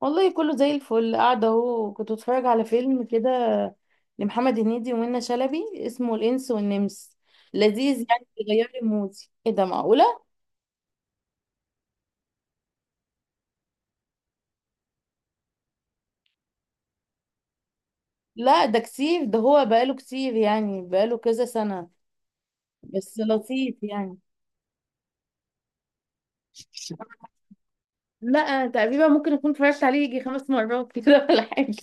والله كله زي الفل قاعدة اهو، كنت بتفرج على فيلم كده لمحمد هنيدي ومنى شلبي اسمه الإنس والنمس. لذيذ يعني بيغير لي مودي. ايه ده معقولة؟ لا ده كتير، ده هو بقاله كتير يعني بقاله كذا سنة، بس لطيف يعني. لا أنا تقريبا ممكن اكون اتفرجت عليه يجي 5 مرات كده ولا حاجة.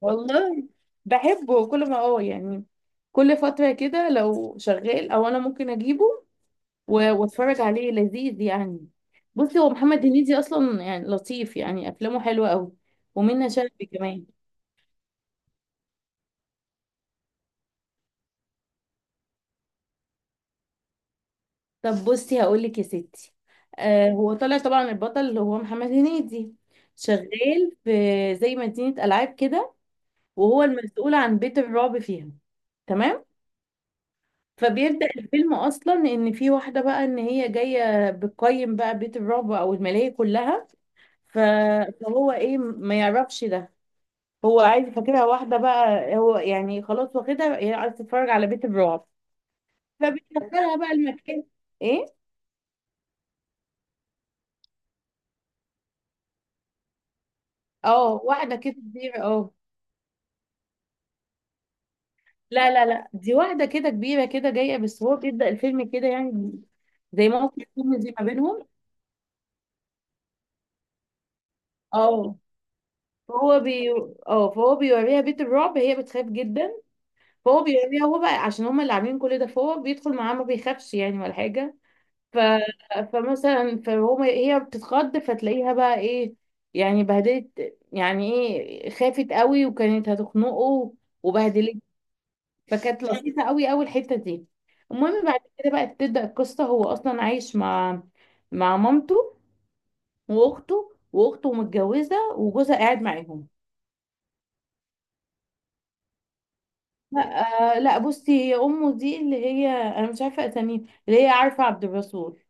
والله بحبه كل ما يعني كل فترة كده لو شغال او انا ممكن اجيبه و- واتفرج عليه، لذيذ يعني. بصي، هو محمد هنيدي اصلا يعني لطيف، يعني افلامه حلوه قوي. ومنة شلبي كمان. طب بصي هقول لك يا ستي. هو طالع طبعا البطل اللي هو محمد هنيدي، شغال في زي مدينه العاب كده، وهو المسؤول عن بيت الرعب فيها. تمام. فبيبدأ الفيلم اصلا ان في واحده بقى، ان هي جايه بتقيم بقى بيت الرعب او الملاهي كلها. ف- فهو ايه ما يعرفش ده، هو عايز فاكرها واحدة بقى، هو يعني خلاص واخدها، هي عايزة تتفرج على بيت الرعب، فبتدخلها بقى المكان. ايه، اه واحدة كده كبيرة، اه. لا لا لا دي واحدة كده كبيرة كده جاية، بس هو بيبدأ الفيلم كده يعني. زي ما هو في الفيلم دي ما بينهم. اه. فهو بي اه فهو بيوريها بيت الرعب، هي بتخاف جدا. فهو بيوريها، هو بقى عشان هما اللي عاملين كل ده، فهو بيدخل معاه ما بيخافش يعني ولا حاجة. ف... فمثلا فهو، هي بتتخض، فتلاقيها بقى ايه، يعني بهدلت، يعني ايه، خافت قوي وكانت هتخنقه وبهدلت. فكانت لطيفة قوي قوي الحتة دي. المهم بعد كده بقى تبدأ القصة. هو أصلا عايش مع مامته وأخته، وأخته متجوزة وجوزها قاعد معاهم. لا آه لا، بصي هي أمه دي اللي هي أنا مش عارفة أساميها، اللي هي عارفة عبد الرسول.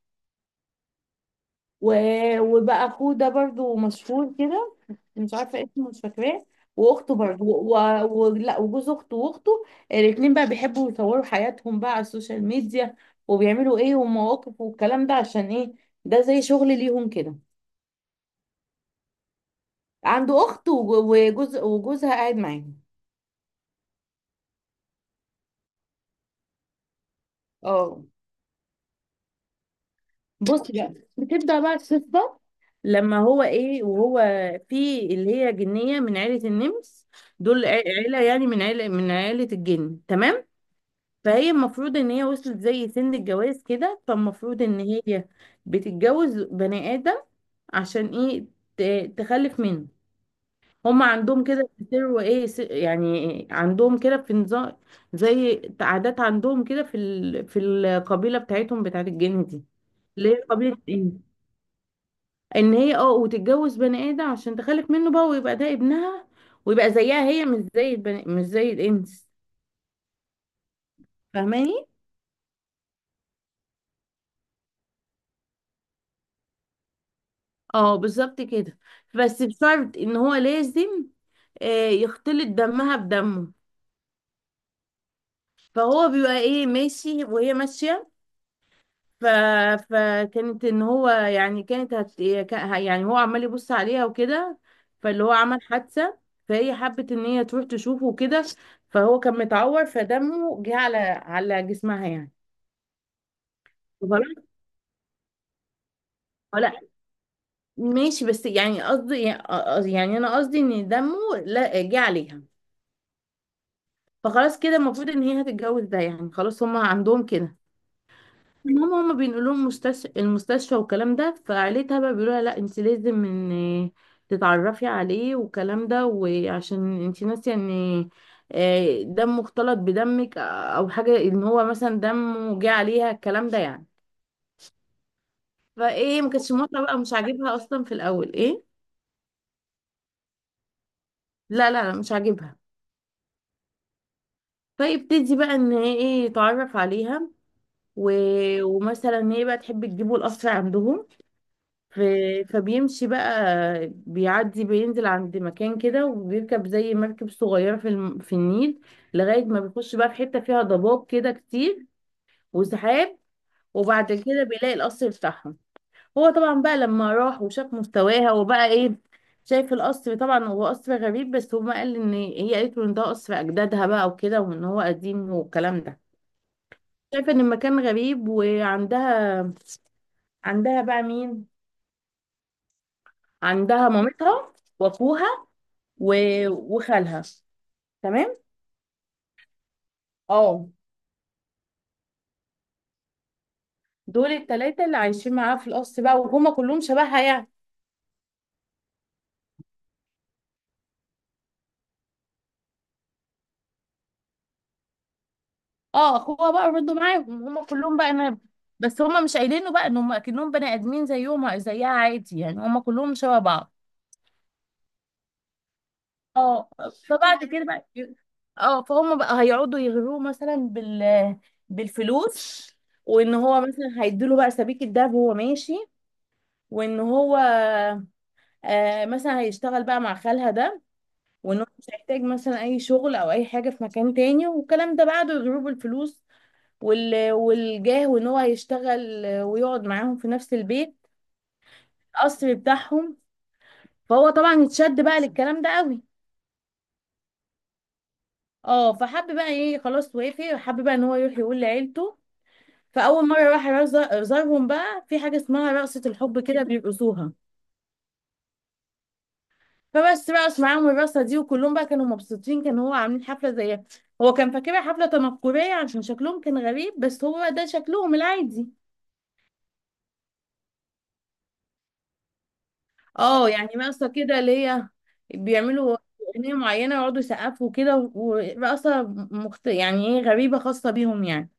و... وبقى أخوه ده برضو مشهور كده، مش عارفه اسمه، مش فاكراه. واخته برضه لا، وجوز اخته واخته الاتنين بقى بيحبوا يصوروا حياتهم بقى على السوشيال ميديا، وبيعملوا ايه ومواقف والكلام ده، عشان ايه؟ ده زي شغل ليهم كده. عنده اخت وجوز، وجوزها قاعد معاهم. اه. بص بقى بتبدأ بقى القصة لما هو ايه، وهو في اللي هي جنية من عيلة النمس. دول عيلة يعني، من عيلة، من عيلة الجن. تمام. فهي المفروض ان هي وصلت زي سن الجواز كده، فالمفروض ان هي بتتجوز بني ادم. عشان ايه؟ تخلف منه. هم عندهم كده بيسروا ايه، يعني عندهم كده في نظام، زي عادات عندهم كده في في القبيله بتاعتهم، بتاعت الجن دي اللي هي قبيله ايه، ان هي، اه، وتتجوز بني ادم عشان تخلف منه بقى ويبقى ده ابنها، ويبقى زيها هي مش زي مش زي الانس. فاهماني. اه، بالظبط كده. بس بشرط ان هو لازم يختلط دمها بدمه. فهو بيبقى ايه ماشي، وهي ماشية. ف... فكانت ان هو يعني يعني هو عمال يبص عليها وكده، فاللي هو عمل حادثة. فهي حبت ان هي تروح تشوفه وكده، فهو كان متعور، فدمه جه على جسمها يعني. غلط. لا ماشي، بس يعني قصدي يعني، يعني انا قصدي ان دمه، لا، جه عليها. فخلاص كده المفروض ان هي هتتجوز ده يعني خلاص، هما عندهم كده. المهم هما بينقلوا لهم مستشفى المستشفى والكلام ده، فعيلتها بقى بيقولوا لها لا انت لازم ان تتعرفي عليه والكلام ده، وعشان انت ناسيه ان دم مختلط بدمك او حاجه، ان هو مثلا دمه جه عليها الكلام ده يعني. فايه، ما كانتش موافقه بقى، مش عاجبها اصلا في الاول ايه. لا لا لا مش عاجبها. فيبتدي بقى ان هي ايه يتعرف عليها، و... ومثلا ان هي بقى تحب تجيبه القصر عندهم. ف- فبيمشي بقى، بيعدي بينزل عند مكان كده، وبيركب زي مركب صغيرة في في النيل، لغاية ما بيخش بقى في حتة فيها ضباب كده كتير وسحاب. وبعد كده بيلاقي القصر بتاعهم. هو طبعا بقى لما راح وشاف مستواها وبقى ايه شايف القصر، طبعا هو قصر غريب، بس هو قال ان هي قالت له ان ده قصر اجدادها بقى وكده، وان هو قديم والكلام ده، شايفه ان المكان غريب. عندها بقى مين؟ عندها مامتها واخوها و... وخالها. تمام، اه. دول التلاتة اللي عايشين معاها في القصر بقى، وهما كلهم شبهها يعني. اه، اخوها بقى برضه معاهم، هما كلهم بقى انا. بس هما مش قايلينه بقى ان هما اكنهم بني ادمين زيهم زيها عادي يعني، هما كلهم شبه بعض. اه، فبعد كده بقى، اه، فهم بقى هيقعدوا يغروه مثلا بالفلوس، وان هو مثلا هيديله بقى سبيك الدهب وهو ماشي، وان هو مثلا هيشتغل بقى مع خالها ده، وان هو مش هيحتاج مثلا اي شغل او اي حاجه في مكان تاني والكلام ده بعد ضروب الفلوس والجاه، وان هو هيشتغل ويقعد معاهم في نفس البيت، القصر بتاعهم. فهو طبعا اتشد بقى للكلام ده قوي. اه، فحب بقى ايه خلاص، وافق، حب بقى ان هو يروح يقول لعيلته. فاول مره راح يزارهم بقى، في حاجه اسمها رقصه الحب كده بيرقصوها. فبس بقى معاهم الرقصه دي، وكلهم بقى كانوا مبسوطين، كان هو عاملين حفله زيها، هو كان فاكرها حفله تنكريه عشان شكلهم كان غريب، بس هو بقى ده شكلهم العادي. اه، يعني رقصه كده اللي هي بيعملوا اغنيه معينه، يقعدوا يسقفوا كده ورقصه يعني ايه، غريبه خاصه بيهم يعني.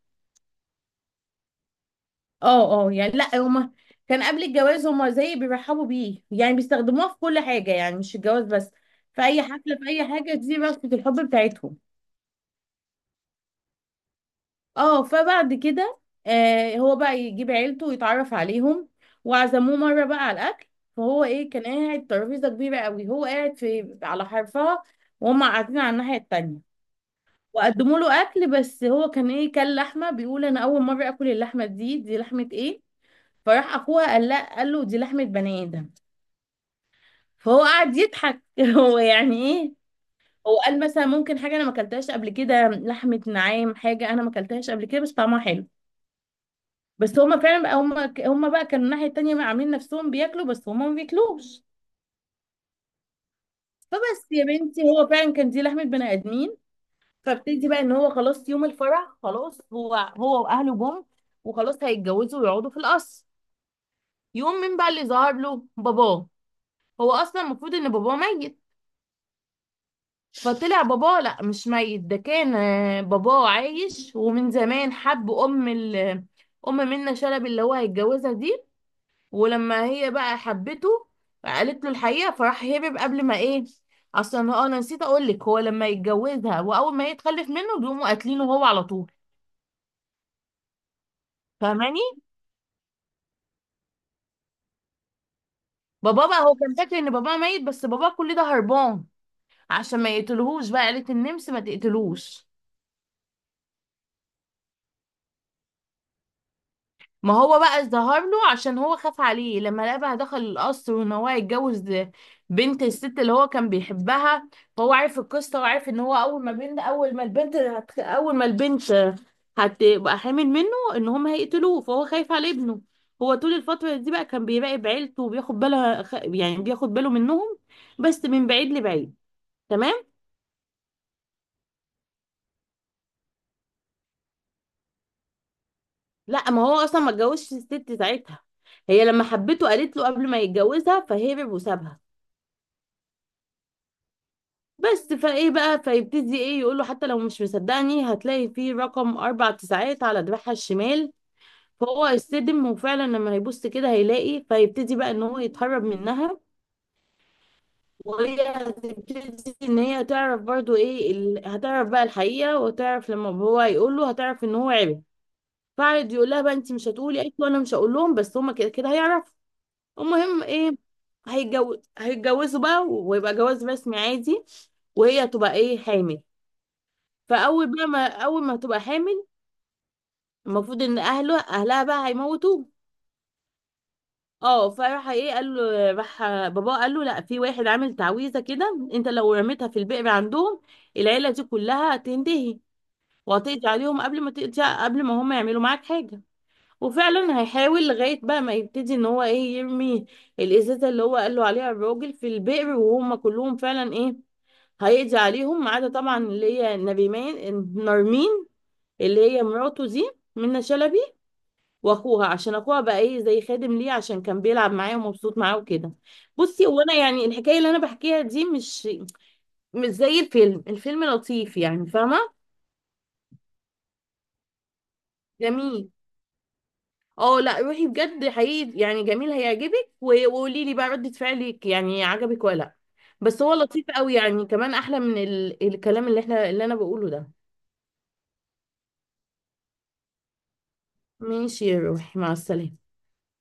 اه اه، يعني لا هما كان قبل الجواز هما زي بيرحبوا بيه يعني، بيستخدموها في كل حاجه يعني مش الجواز بس. في اي حفله، في اي حاجه، دي رقصه الحب بتاعتهم. اه، فبعد كده هو بقى يجيب عيلته ويتعرف عليهم. وعزموه مرة بقى على الأكل. فهو ايه، كان قاعد ترابيزة كبيرة قوي، هو قاعد في على حرفها، وهم قاعدين على الناحية التانية. وقدموا له أكل، بس هو كان ايه، كان لحمة، بيقول أنا أول مرة آكل اللحمة دي، دي لحمة ايه؟ فراح أخوها قال، لا، قال له دي لحمة بني آدم. فهو قعد يضحك هو يعني ايه، هو قال مثلا ممكن حاجة أنا ما أكلتهاش قبل كده لحمة نعام، حاجة أنا ما أكلتهاش قبل كده بس طعمها حلو. بس هما فعلا بقى هما بقى كانوا الناحية التانية بقى عاملين نفسهم بياكلوا، بس هما ما بياكلوش. فبس يا بنتي هو فعلا كان دي لحمة بني آدمين. فابتدي بقى ان هو خلاص يوم الفرح، خلاص هو واهله جم، وخلاص هيتجوزوا ويقعدوا في القصر. يوم مين بقى اللي ظهر له باباه؟ هو اصلا المفروض ان باباه ميت. فطلع باباه لا، مش ميت، ده كان باباه عايش، ومن زمان حب ام ام منة شلبي اللي هو هيتجوزها دي. ولما هي بقى حبته قالت له الحقيقه، فراح هرب قبل ما ايه، اصلا هو، انا نسيت اقول لك، هو لما يتجوزها واول ما يتخلف منه بيقوموا قاتلينه هو على طول. فاهماني. بابا بقى هو كان فاكر ان بابا ميت، بس بابا كل ده هربان، عشان ما يقتلهوش بقى قالت النمس ما تقتلوش. ما هو بقى ظهر له عشان هو خاف عليه، لما لقى بقى دخل القصر وان هو هيتجوز بنت الست اللي هو كان بيحبها، فهو عارف القصه، وعارف ان هو اول ما بنت، اول ما البنت اول ما البنت هتبقى حامل منه، ان هم هيقتلوه، فهو خايف على ابنه. هو طول الفتره دي بقى كان بيراقب عيلته، وبياخد باله يعني بياخد باله منهم، بس من بعيد لبعيد. تمام. لا ما هو اصلا ما اتجوزش الست ساعتها، هي لما حبته قالت له قبل ما يتجوزها فهرب وسابها. بس فايه بقى، فيبتدي ايه يقول له حتى لو مش مصدقني هتلاقي فيه رقم 9999 على دراعها الشمال. فهو يصدم وفعلا لما هيبص كده هيلاقي، فيبتدي بقى ان هو يتهرب منها. وهي هتبتدي ان هي تعرف برضو ايه هتعرف بقى الحقيقة، وتعرف لما هو هيقول له، هتعرف ان هو عرف. فقعد يقول لها بقى، انت مش هتقولي؟ قالت له انا مش هقول لهم، بس هما كده كده هيعرفوا. المهم ايه، هيتجوزوا بقى ويبقى جواز رسمي عادي، وهي تبقى ايه حامل. فاول بقى ما، اول ما هتبقى حامل، المفروض ان اهلها بقى هيموتوه. اه، فراح ايه قال له، راح باباه قال له لا، في واحد عامل تعويذه كده، انت لو رميتها في البئر عندهم العيله دي كلها هتنتهي، وهتقضي عليهم قبل ما تقضي، قبل ما هم يعملوا معاك حاجه. وفعلا هيحاول، لغايه بقى ما يبتدي ان هو ايه يرمي الازازه اللي هو قال له عليها الراجل في البئر، وهم كلهم فعلا ايه هيقضي عليهم، ما عدا طبعا اللي هي نرمين اللي هي مراته دي منى شلبي، واخوها، عشان اخوها بقى ايه زي خادم ليه، عشان كان بيلعب معاه ومبسوط معاه وكده. بصي هو انا يعني الحكايه اللي انا بحكيها دي مش زي الفيلم، الفيلم لطيف يعني، فاهمه. جميل. اه لا، روحي بجد حقيقي يعني جميل هيعجبك، و- وقولي لي بقى ردة فعلك، يعني عجبك ولا لا. بس هو لطيف قوي يعني، كمان احلى من الكلام اللي احنا، اللي انا بقوله ده. ماشي يا روحي، مع السلامه.